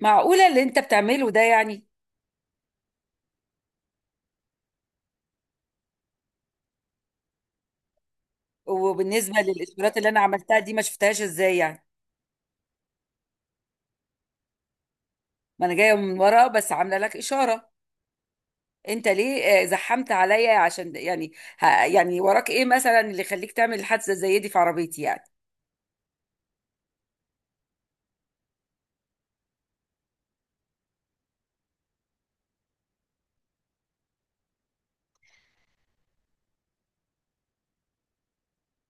معقولة اللي انت بتعمله ده وبالنسبة للإشارات اللي أنا عملتها دي ما شفتهاش إزاي يعني؟ ما أنا جاية من ورا بس عاملة لك إشارة. أنت ليه زحمت عليا عشان يعني وراك إيه مثلا اللي يخليك تعمل حادثة زي دي في عربيتي يعني؟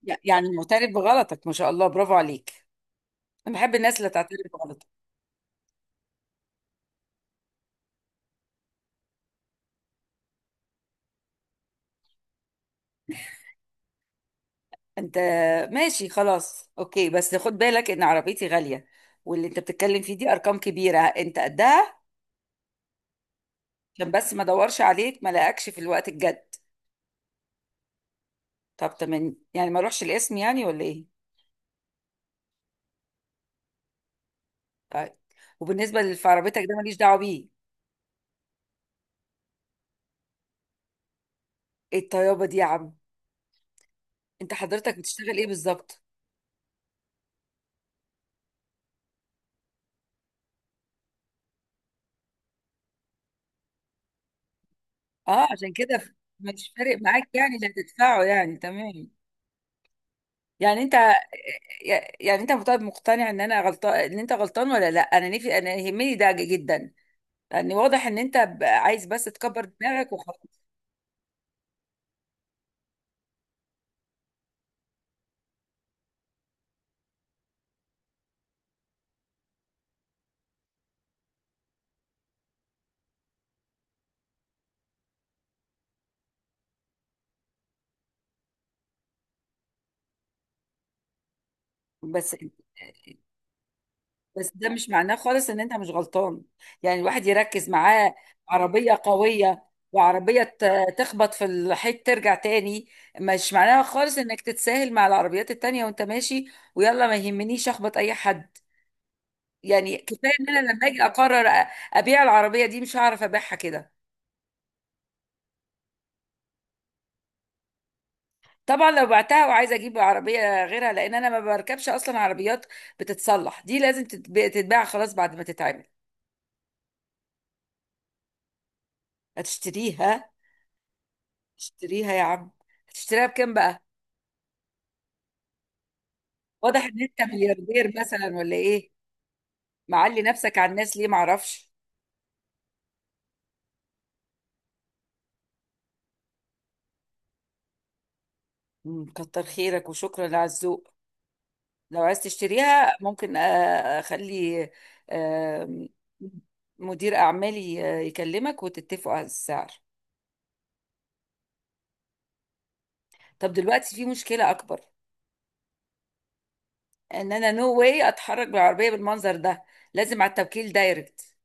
يعني معترف بغلطك، ما شاء الله، برافو عليك. أنا بحب الناس اللي تعترف بغلطك. أنت ماشي، خلاص أوكي، بس خد بالك إن عربيتي غالية، واللي أنت بتتكلم فيه دي أرقام كبيرة أنت قدها؟ عشان بس ما أدورش عليك ما لاقكش في الوقت الجد. طب تمام، يعني ما اروحش الاسم يعني ولا ايه؟ طيب، وبالنسبه لفرابيتك ده ماليش دعوه بيه. ايه الطيابه دي يا عم؟ انت حضرتك بتشتغل ايه بالظبط؟ اه، عشان كده مش فارق معاك يعني اللي هتدفعه يعني؟ تمام. يعني انت يعني انت طيب، مقتنع ان انا غلطان ان انت غلطان ولا لا؟ انا نفي، انا يهمني ده جدا، لان واضح ان انت عايز بس تكبر دماغك وخلاص. بس بس ده مش معناه خالص ان انت مش غلطان. يعني الواحد يركز معاه. عربية قوية وعربية تخبط في الحيط ترجع تاني، مش معناها خالص انك تتساهل مع العربيات التانية وانت ماشي. ويلا ما يهمنيش اخبط اي حد؟ يعني كفاية ان انا لما اجي اقرر ابيع العربية دي مش هعرف ابيعها كده. طبعا لو بعتها وعايزه اجيب عربيه غيرها، لان انا ما بركبش اصلا عربيات بتتصلح، دي لازم تتباع خلاص بعد ما تتعمل. هتشتريها؟ اشتريها يا عم. هتشتريها بكام بقى؟ واضح ان انت ملياردير مثلا ولا ايه؟ معلي نفسك على الناس ليه معرفش. كتر خيرك وشكرا على الذوق. لو عايز تشتريها ممكن اخلي، آم، مدير اعمالي يكلمك وتتفقوا على السعر. طب دلوقتي في مشكلة اكبر، ان انا نو واي اتحرك بالعربية بالمنظر ده، لازم على التوكيل دايركت.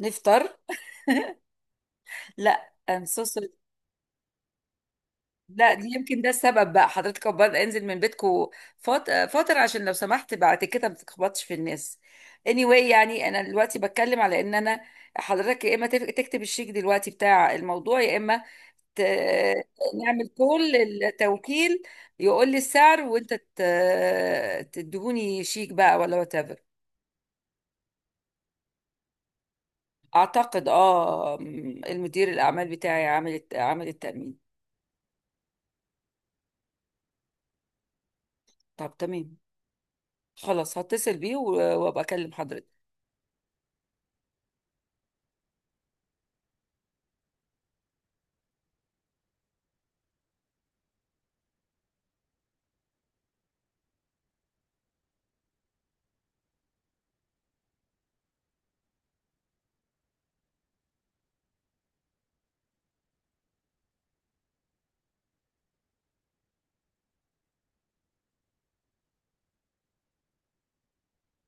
نفطر؟ لا، I'm so sorry. لا دي يمكن ده السبب، بقى حضرتك بره، انزل من بيتكو فترة عشان لو سمحت بعد كده ما تخبطش في الناس. anyway يعني انا دلوقتي بتكلم على ان انا حضرتك يا اما تكتب الشيك دلوقتي بتاع الموضوع، يا اما ت... نعمل كل التوكيل يقول لي السعر وانت ت... تدهوني شيك بقى ولا وات ايفر. اعتقد اه، المدير الاعمال بتاعي عامل عامل التأمين. طب تمام، خلاص هتصل بيه و... وابقى اكلم حضرتك.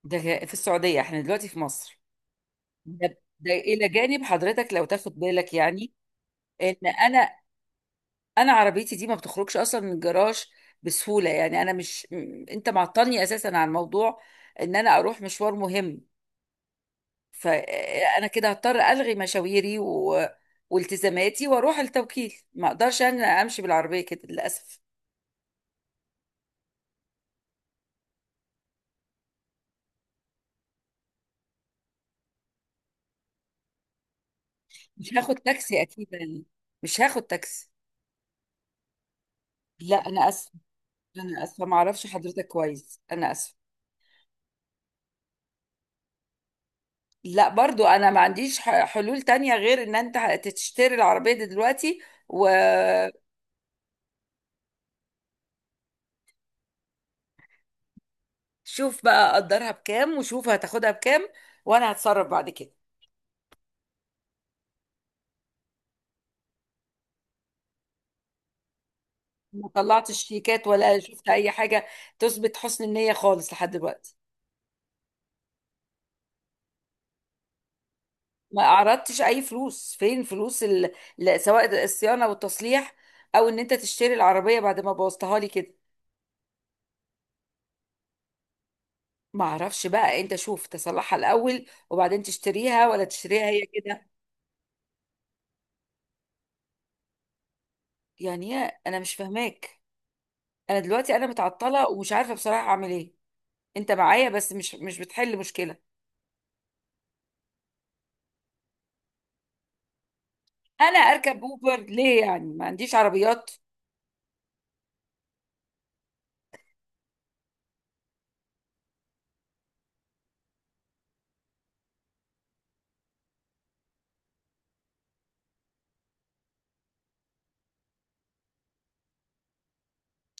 ده في السعودية احنا دلوقتي في مصر. ده، ده إلى جانب حضرتك لو تاخد بالك يعني إن أنا، أنا عربيتي دي ما بتخرجش أصلا من الجراج بسهولة، يعني أنا مش أنت معطلني أساسا عن موضوع إن أنا أروح مشوار مهم، فأنا كده هضطر ألغي مشاويري و... والتزاماتي وأروح التوكيل، ما أقدرش أنا أمشي بالعربية كده للأسف. مش هاخد تاكسي أكيد يعني، مش هاخد تاكسي. لا أنا آسفة، أنا آسفة، ما أعرفش حضرتك كويس، أنا آسفة. لا برضو انا ما عنديش حلول تانية غير ان انت تشتري العربية دي دلوقتي وشوف. بقى قدرها بكام وشوف هتاخدها بكام، وانا هتصرف بعد كده. ما طلعتش شيكات ولا شفت اي حاجة تثبت حسن النية خالص لحد دلوقتي. ما اعرضتش اي فلوس، فين فلوس ال...؟ لا، سواء الصيانة والتصليح او ان انت تشتري العربية بعد ما بوظتها لي كده. ما اعرفش بقى، انت شوف، تصلحها الاول وبعدين تشتريها ولا تشتريها هي كده. يعني إيه؟ انا مش فاهماك، انا دلوقتي انا متعطله ومش عارفه بصراحه اعمل ايه. انت معايا بس مش بتحل مشكله. انا اركب اوبر ليه يعني؟ ما عنديش عربيات؟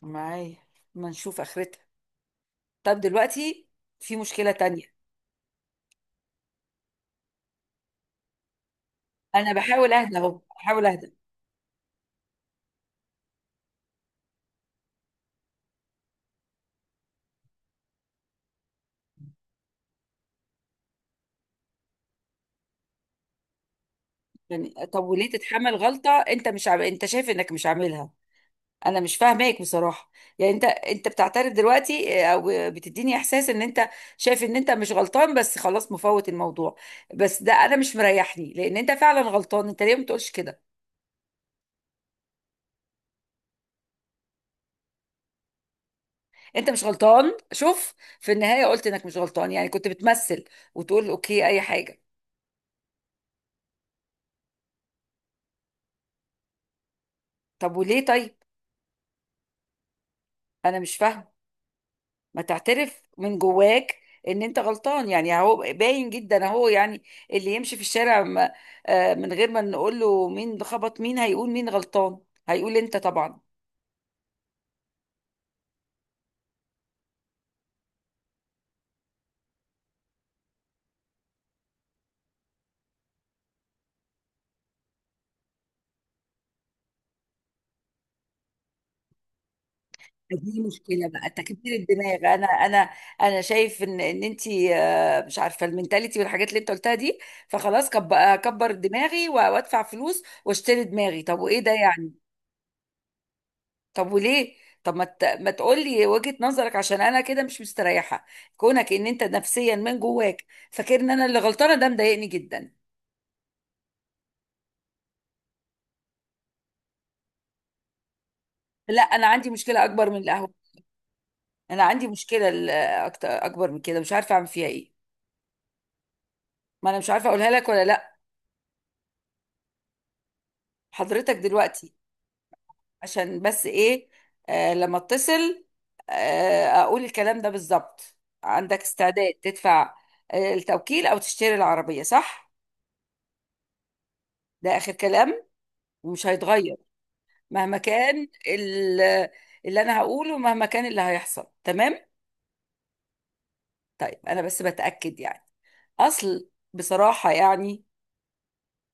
معايا، ما نشوف اخرتها. طب دلوقتي في مشكله تانية. انا بحاول اهدى اهو، بحاول اهدى. يعني طب وليه تتحمل غلطه، انت مش عم... انت شايف انك مش عاملها؟ انا مش فاهماك بصراحه. يعني انت بتعترف دلوقتي او بتديني احساس ان انت شايف ان انت مش غلطان بس خلاص مفوت الموضوع؟ بس ده انا مش مريحني، لان انت فعلا غلطان، انت ليه ما بتقولش كده؟ انت مش غلطان شوف، في النهايه قلت انك مش غلطان، يعني كنت بتمثل وتقول اوكي اي حاجه؟ طب وليه طيب؟ انا مش فاهمه، ما تعترف من جواك ان انت غلطان، يعني اهو باين جدا اهو، يعني اللي يمشي في الشارع من غير ما نقول له مين ده خبط مين هيقول مين غلطان؟ هيقول انت طبعا. دي مشكله بقى تكبير الدماغ، انا انا شايف ان انت مش عارفه المنتاليتي والحاجات اللي انت قلتها دي، فخلاص اكبر دماغي و... وادفع فلوس واشتري دماغي. طب وايه ده يعني؟ طب وليه؟ طب ما تقولي وجهة نظرك عشان انا كده مش مستريحة، كونك ان انت نفسيا من جواك فاكر ان انا اللي غلطانة، ده مضايقني جدا. لا انا عندي مشكلة اكبر من القهوة. انا عندي مشكلة اكبر من كده مش عارفة اعمل فيها ايه. ما انا مش عارفة اقولها لك ولا لا. حضرتك دلوقتي، عشان بس ايه، آه لما اتصل، آه اقول الكلام ده بالظبط، عندك استعداد تدفع آه التوكيل او تشتري العربية، صح؟ ده اخر كلام ومش هيتغير مهما كان ال... اللي انا هقوله مهما كان اللي هيحصل، تمام؟ طيب انا بس بتأكد يعني، اصل بصراحة يعني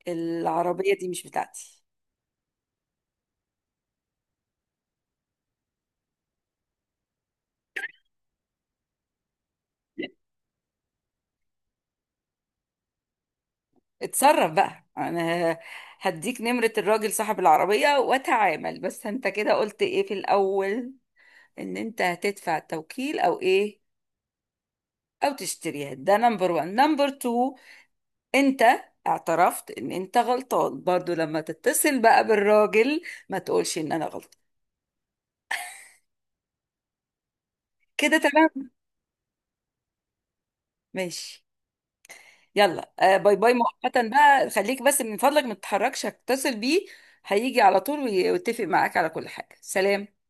العربية دي مش بتاعتي. اتصرف بقى، انا هديك نمرة الراجل صاحب العربية واتعامل. بس انت كده قلت ايه في الاول، ان انت هتدفع التوكيل او ايه او تشتريها؟ ده نمبر وان، نمبر تو انت اعترفت ان انت غلطان برضو، لما تتصل بقى بالراجل ما تقولش ان انا غلطان. كده تمام؟ ماشي، يلا آه، باي باي، مؤقتا بقى، خليك بس من فضلك ما تتحركش، هتصل بيه هيجي على طول ويتفق معاك على كل حاجة. سلام.